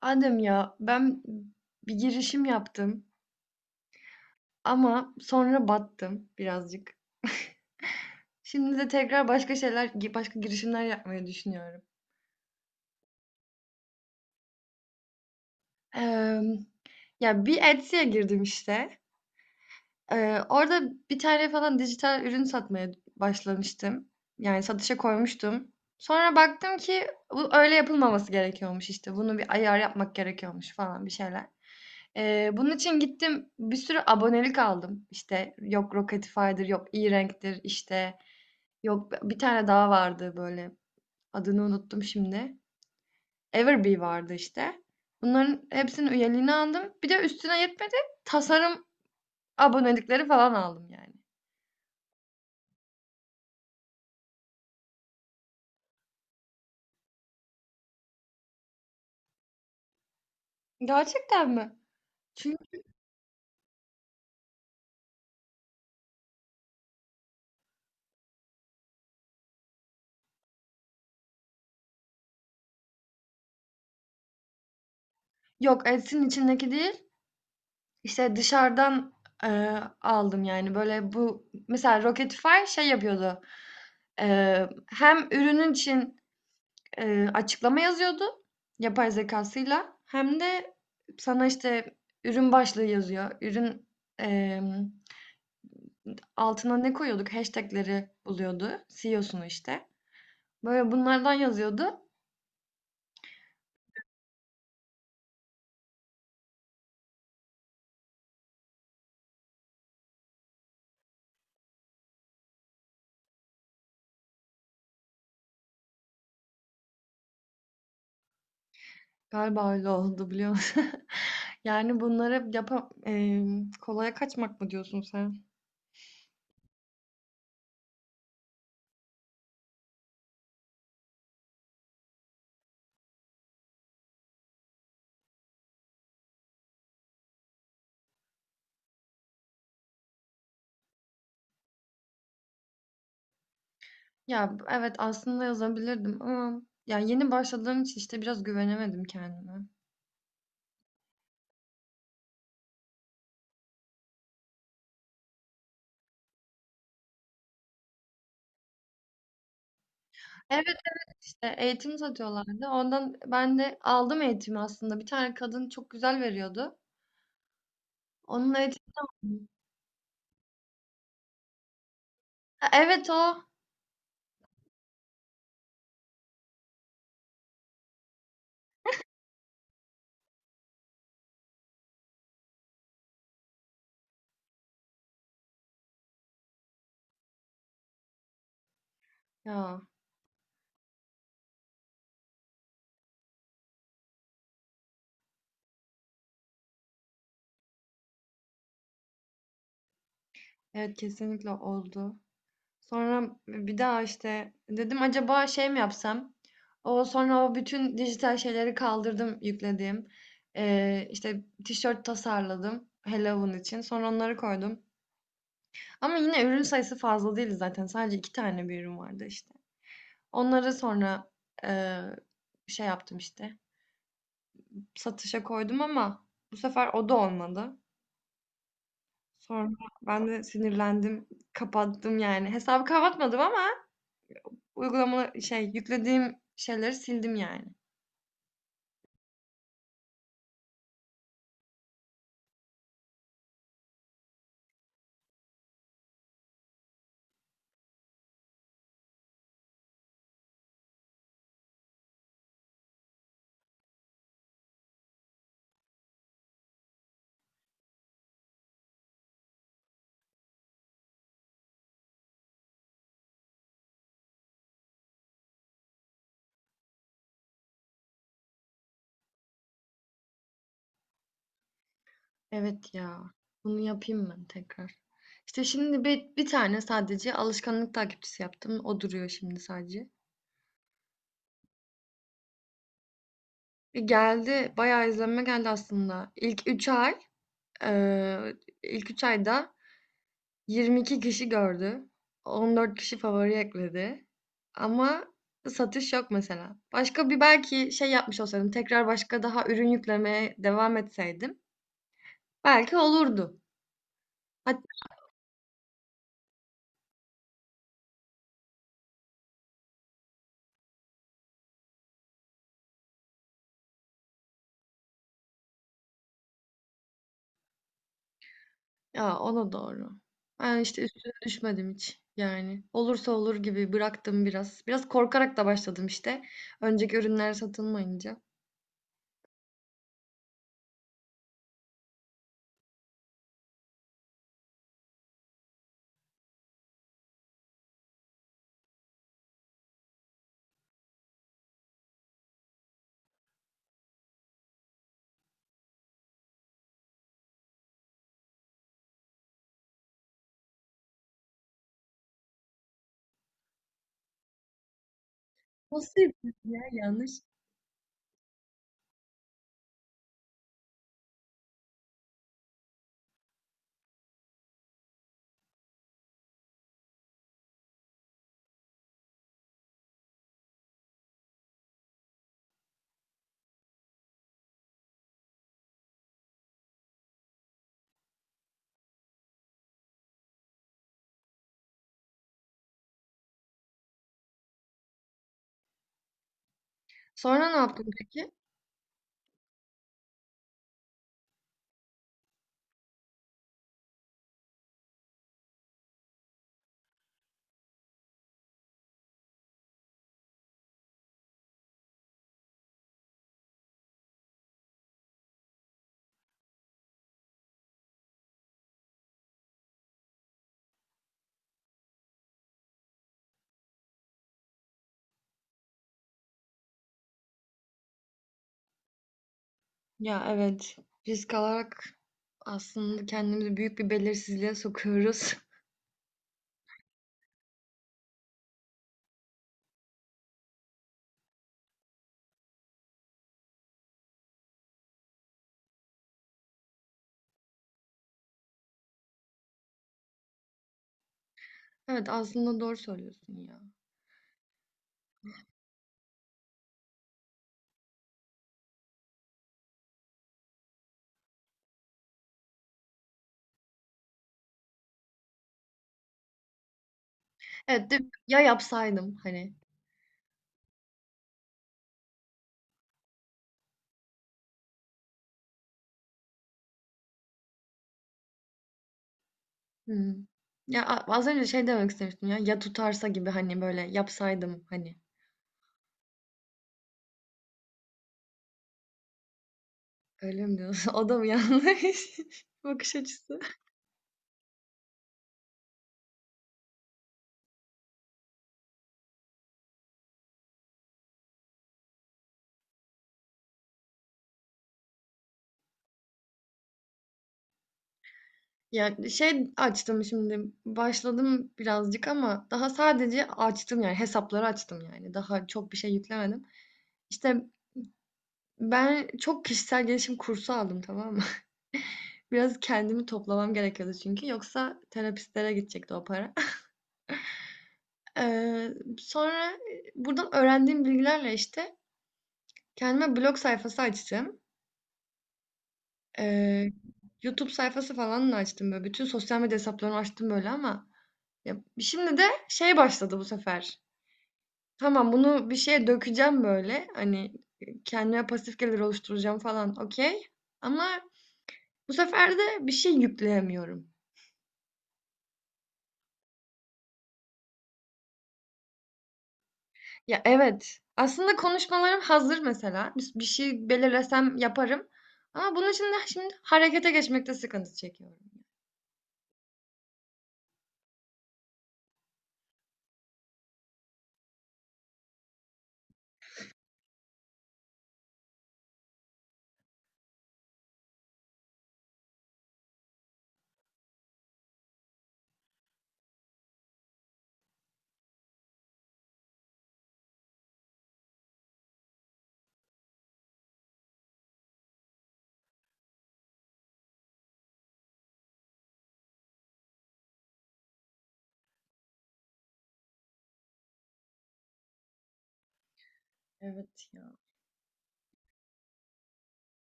Adem ya ben bir girişim yaptım ama sonra battım birazcık. Şimdi de tekrar başka şeyler, başka girişimler yapmayı düşünüyorum. Eee, Ya bir Etsy'ye girdim işte. Orada bir tane falan dijital ürün satmaya başlamıştım. Yani satışa koymuştum. Sonra baktım ki bu öyle yapılmaması gerekiyormuş işte. Bunu bir ayar yapmak gerekiyormuş falan bir şeyler. Bunun için gittim bir sürü abonelik aldım. İşte yok Rocketifi'dir, yok e-Rank'tir işte. Yok bir tane daha vardı böyle. Adını unuttum şimdi. Everbee vardı işte. Bunların hepsinin üyeliğini aldım. Bir de üstüne yetmedi. Tasarım abonelikleri falan aldım yani. Gerçekten mi? Çünkü. Yok, Etsy'nin içindeki değil, İşte dışarıdan, aldım yani, böyle, bu mesela Rocketify şey yapıyordu, hem ürünün için, açıklama yazıyordu yapay zekâsıyla hem de sana, işte, ürün başlığı yazıyor. Ürün, emm, altına ne koyuyorduk? Hashtag'leri buluyordu, CEO'sunu, işte. Böyle bunlardan yazıyordu. Galiba öyle oldu biliyor musun? Yani bunları hep kolaya kaçmak mı diyorsun sen? Ya evet aslında yazabilirdim ama ya yeni başladığım için işte biraz güvenemedim kendime. Evet, evet işte eğitim satıyorlardı. Ondan ben de aldım eğitimi aslında. Bir tane kadın çok güzel veriyordu. Onun eğitimini. Ha, evet o. Ya evet kesinlikle oldu. Sonra bir daha işte dedim acaba şey mi yapsam? O sonra o bütün dijital şeyleri kaldırdım yüklediğim. İşte tişört tasarladım Halloween için. Sonra onları koydum. Ama yine ürün sayısı fazla değildi zaten. Sadece iki tane bir ürün vardı işte. Onları sonra eee, şey yaptım işte. Satışa koydum ama bu sefer o da olmadı. Sonra ben de sinirlendim. Kapattım yani. Hesabı kapatmadım ama uygulama şey yüklediğim şeyleri sildim yani. Evet ya. Bunu yapayım ben tekrar. İşte şimdi bir tane sadece alışkanlık takipçisi yaptım. O duruyor şimdi sadece. Geldi. Bayağı izlenme geldi aslında. Eee, ilk 3 ayda 22 kişi gördü. 14 kişi favori ekledi. Ama satış yok mesela. Başka bir belki şey yapmış olsaydım, tekrar başka daha ürün yüklemeye devam etseydim belki olurdu. Hatta. Ya o da doğru. Ben işte üstüne düşmedim hiç yani. Olursa olur gibi bıraktım biraz. Biraz korkarak da başladım işte. Önceki ürünler satılmayınca. Nasıl yapıyorsun ya yanlış. Sonra ne yaptın peki? Ya evet. Risk alarak aslında kendimizi büyük bir belirsizliğe sokuyoruz. Evet aslında doğru söylüyorsun ya. Evet değil mi? Ya yapsaydım hani. Hı. Ya az önce şey demek istemiştim ya. Ya tutarsa gibi hani böyle yapsaydım hani. Öyle mi diyorsun? O da mı yanlış bakış açısı? Yani, şey açtım şimdi, başladım birazcık ama daha sadece açtım, yani, hesapları açtım, yani. Daha çok bir şey yüklemedim. İşte, ben çok kişisel gelişim kursu aldım, tamam mı? Biraz kendimi toplamam gerekiyordu çünkü yoksa terapistlere gidecekti o para. Sonra, buradan öğrendiğim bilgilerle, işte, kendime blog sayfası açtım. Eee, YouTube sayfası falan da açtım, böyle, bütün sosyal medya hesaplarını açtım, böyle, ama ya, şimdi de şey başladı bu sefer. Tamam bunu bir şeye dökeceğim böyle. Hani kendime pasif gelir oluşturacağım falan okey. Ama bu sefer de bir şey yükleyemiyorum. Ya evet. Aslında konuşmalarım hazır mesela. Bir şey belirlesem yaparım. Ama bunun için de şimdi harekete geçmekte sıkıntı çekiyorum. Evet ya.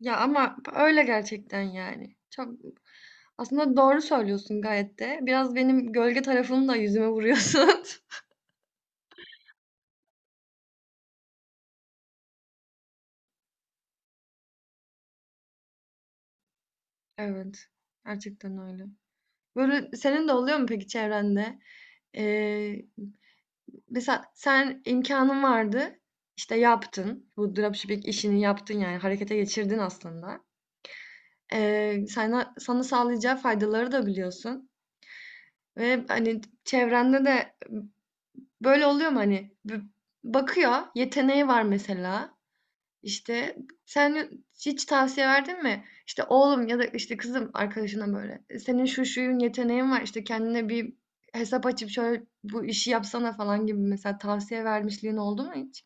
Ya ama öyle gerçekten yani. Çok aslında doğru söylüyorsun gayet de. Biraz benim gölge tarafımı da yüzüme vuruyorsun. Evet, gerçekten öyle. Böyle senin de oluyor mu peki çevrende? Eee, Mesela sen imkanın vardı, işte yaptın. Bu dropshipping işini yaptın yani harekete geçirdin aslında. Sana, sağlayacağı faydaları da biliyorsun. Ve hani çevrende de böyle oluyor mu hani bakıyor, yeteneği var mesela. İşte, sen hiç tavsiye verdin mi? İşte, "Oğlum ya da, işte, kızım" arkadaşına böyle, "Senin şu şuyun yeteneğin var, işte, kendine bir hesap açıp şöyle bu işi yapsana." falan gibi mesela tavsiye vermişliğin oldu mu hiç?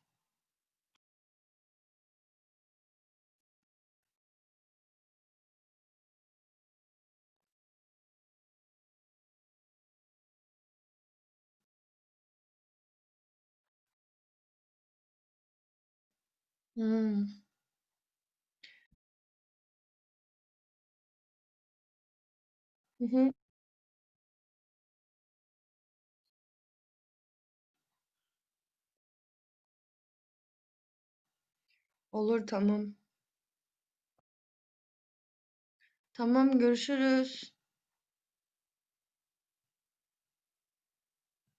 Hımm. Hı hı. Olur, tamam. Tamam, görüşürüz.